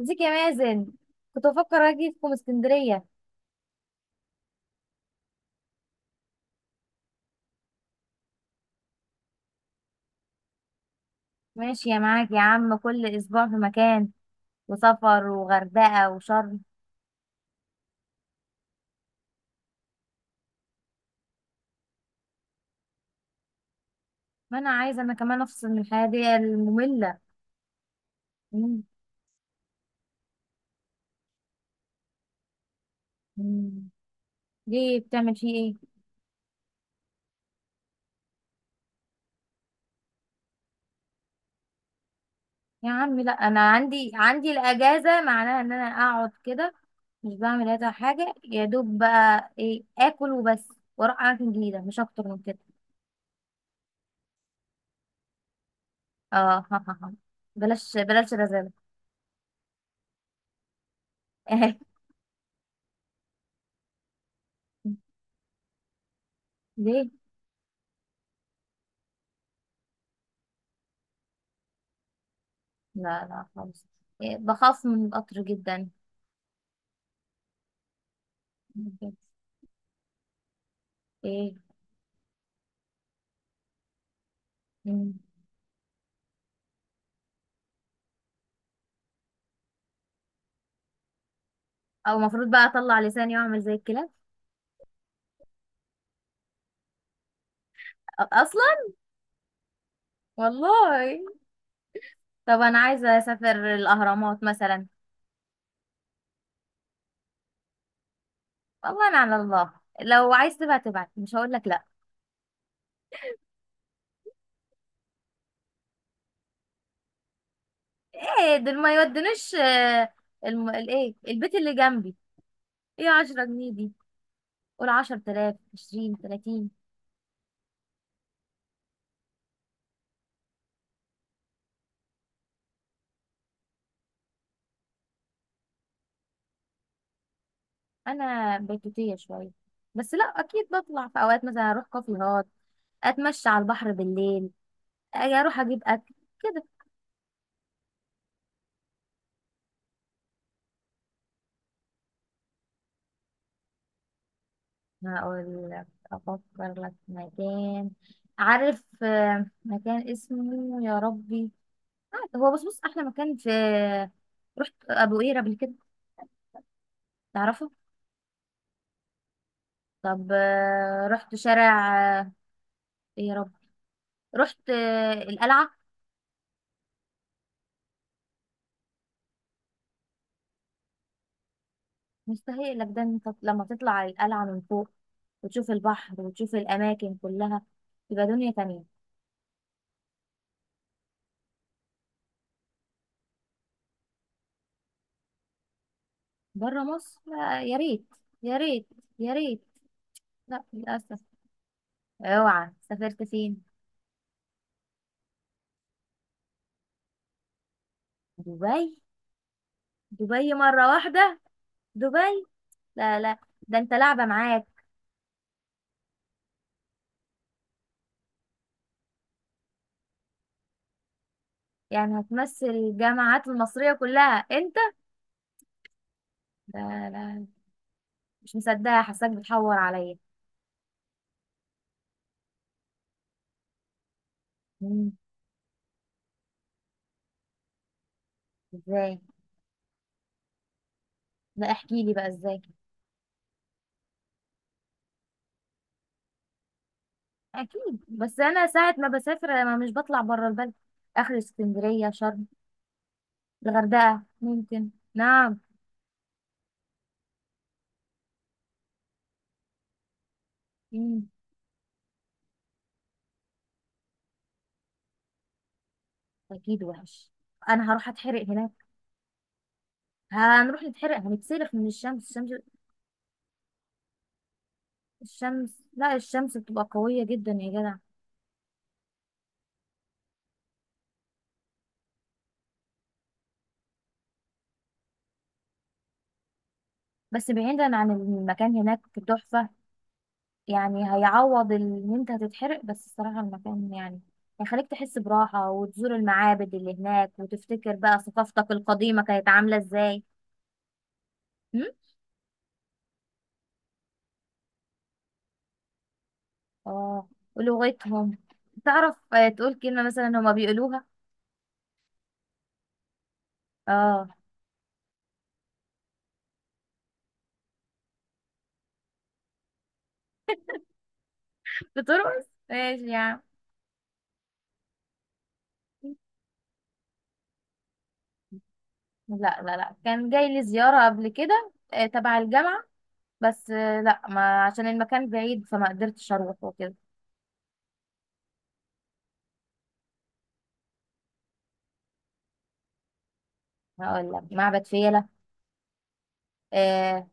ازيك يا مازن؟ كنت بفكر اجيكم اسكندريه. ماشي يا معاك يا عم كل اسبوع في مكان وسفر وغردقه وشرم. ما انا عايزه انا كمان افصل من الحياه دي الممله. مم. مم. ليه بتعمل فيه ايه؟ يا عم لا انا عندي الاجازه معناها ان انا اقعد كده، مش بعمل هذا حاجه يا دوب بقى ايه اكل وبس واروح اماكن جديده مش اكتر من كده. اه بلاش بلاش رزاله. ليه؟ لا لا خالص. إيه، بخاف من القطر جدا. بجد. ايه؟ مم. او المفروض بقى اطلع لساني واعمل زي الكلاب. اصلا والله. طب انا عايزه اسافر الاهرامات مثلا. والله انا على الله، لو عايز تبعت تبعت مش هقول لك لا. ايه دول ما يودنوش؟ الايه البيت اللي جنبي. ايه 10 جنيه دي؟ قول 10,000 20 30. انا بيتوتيه شويه، بس لا اكيد بطلع في اوقات مثلا اروح كافيهات، اتمشى على البحر بالليل، اجي اروح اجيب اكل كده. هقول لك افكر لك في مكان. عارف مكان اسمه يا ربي. هو بص بص احلى مكان في. رحت ابو قير قبل كده؟ تعرفه؟ طب رحت شارع إيه يا رب. رحت القلعه. مستحيل لك ده، انت لما تطلع على القلعه من فوق وتشوف البحر وتشوف الاماكن كلها تبقى دنيا تانية. بره مصر لا، يا ريت. يا ريت يا ريت. لا للاسف. اوعى؟ سافرت فين؟ دبي؟ دبي مرة واحدة. دبي. لا لا، ده انت لعبة معاك. يعني هتمثل الجامعات المصرية كلها انت؟ لا لا، مش مصدقة، حاساك بتحور عليا. مم. ازاي؟ لا احكي لي بقى ازاي. اكيد، بس انا ساعة ما بسافر انا مش بطلع بره البلد، اخر اسكندرية، شرم، الغردقة ممكن. نعم. مم. اكيد وحش، انا هروح اتحرق هناك. هنروح نتحرق هنتسلخ من الشمس الشمس الشمس. لا الشمس بتبقى قوية جدا يا جدع. بس بعيدا عن المكان هناك تحفة، يعني هيعوض ان انت هتتحرق، بس الصراحة المكان يعني هيخليك تحس براحة وتزور المعابد اللي هناك وتفتكر بقى ثقافتك القديمة كانت عاملة ازاي. هم؟ اه. ولغتهم. تعرف تقول كلمة مثلا هما بيقولوها. اه. بترقص ماشي يا عم. لا لا لا، كان جاي لي زيارة قبل كده تبع الجامعة. بس لا، ما عشان المكان بعيد فما قدرتش اروح وكده. هقول لك معبد فيلة. آه.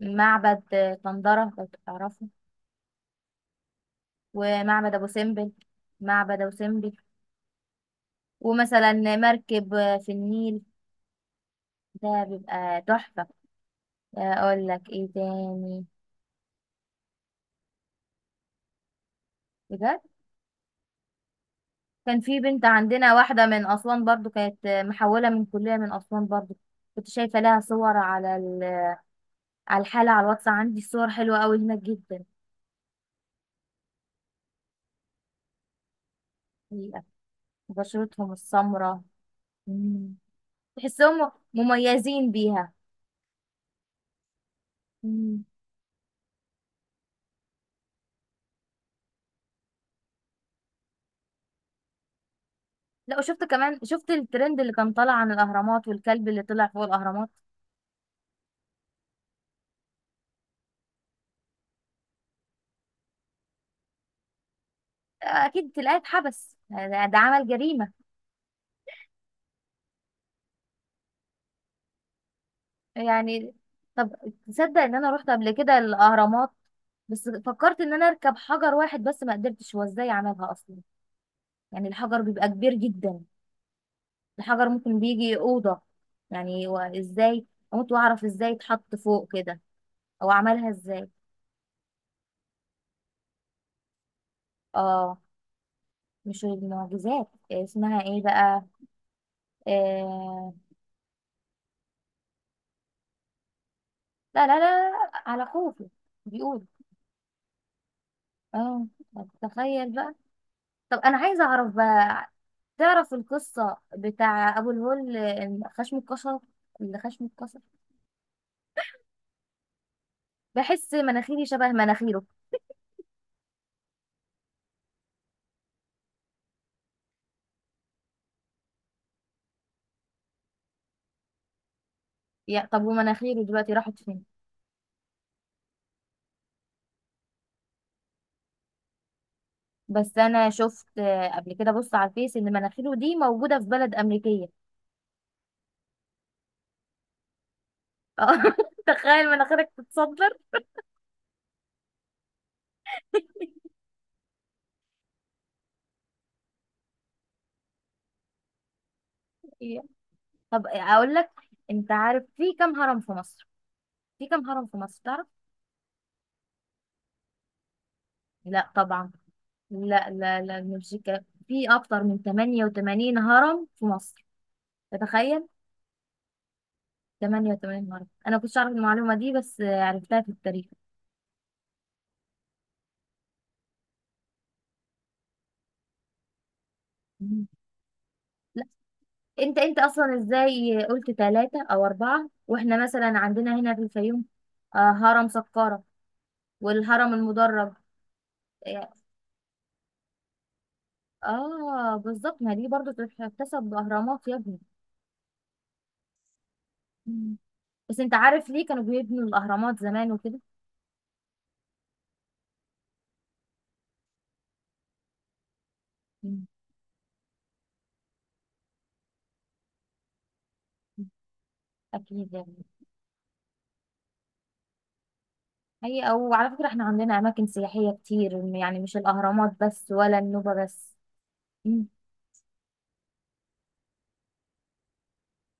معبد طندرة لو تعرفه. ومعبد ابو سمبل. معبد ابو سمبل. ومثلا مركب في النيل ده بيبقى تحفة. اقول لك ايه تاني. بجد؟ كان في بنت عندنا واحدة من أسوان برضو، كانت محولة من كلية من أسوان برضو. كنت شايفة لها صور على على الحالة، على الواتس عندي صور حلوة أوي هناك جدا. حقيقة. بشرتهم السمراء. مم. تحسهم مميزين بيها. مم. لا، وشفت كمان شفت الترند اللي كان طالع عن الاهرامات والكلب اللي طلع فوق الاهرامات. اكيد تلاقيه اتحبس، ده عمل جريمه. يعني. طب تصدق ان انا رحت قبل كده الاهرامات؟ بس فكرت ان انا اركب حجر واحد بس ما قدرتش، هو ازاي عملها اصلا؟ يعني الحجر بيبقى كبير جدا، الحجر ممكن بيجي اوضه. يعني هو ازاي؟ اموت واعرف ازاي اتحط فوق كده او عملها ازاي. اه. مش المعجزات اسمها ايه بقى؟ آه... لا لا لا، على خوفي بيقول. اه. تخيل بقى. طب انا عايزه اعرف بقى. تعرف القصه بتاع ابو الهول خشم اتكسر؟ اللي خشم اتكسر، بحس مناخيري شبه مناخيره. يا طب، ومناخيره دلوقتي راحت فين؟ بس انا شفت قبل كده بص على الفيس ان مناخيره دي موجوده في بلد امريكيه. اه تخيل مناخيرك تتصدر. طب اقول لك، انت عارف في كام هرم في مصر؟ في كم هرم في مصر تعرف؟ لا طبعا. لا لا لا مش كده. في أكتر من 88 هرم في مصر. تتخيل؟ 88 هرم. أنا كنتش أعرف المعلومة دي بس عرفتها في التاريخ. مم. لا، أنت أصلا إزاي قلت ثلاثة أو أربعة وإحنا مثلا عندنا هنا في الفيوم هرم سقارة والهرم المدرج. آه بالظبط، ما دي برضو تحتسب بأهرامات يا ابني. مم. بس أنت عارف ليه كانوا بيبنوا الأهرامات زمان وكده؟ مم. أكيد يعني. هي او على فكرة احنا عندنا اماكن سياحية كتير يعني مش الاهرامات بس ولا النوبة بس. مم.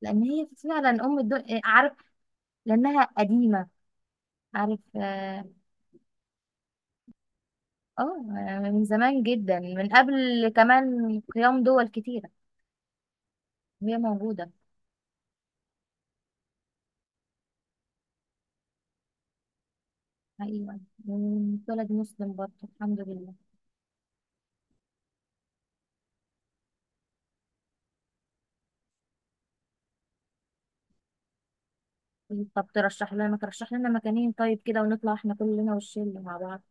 لان هي فعلا ام الدنيا، عارف. لانها قديمة، عارف. اه. من زمان جدا من قبل كمان قيام دول كتيرة وهي موجودة. ايوه. ولد مسلم برضه الحمد لله. طب ترشح لنا ترشح لنا مكانين طيب كده ونطلع احنا كلنا والشله مع بعض.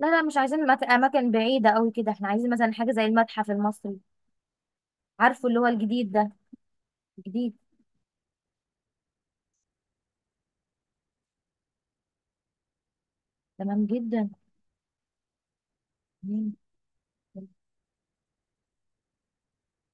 لا لا مش عايزين اماكن بعيده قوي كده، احنا عايزين مثلا حاجه زي المتحف المصري. عارفه اللي هو الجديد ده. جديد. تمام جدا. مم.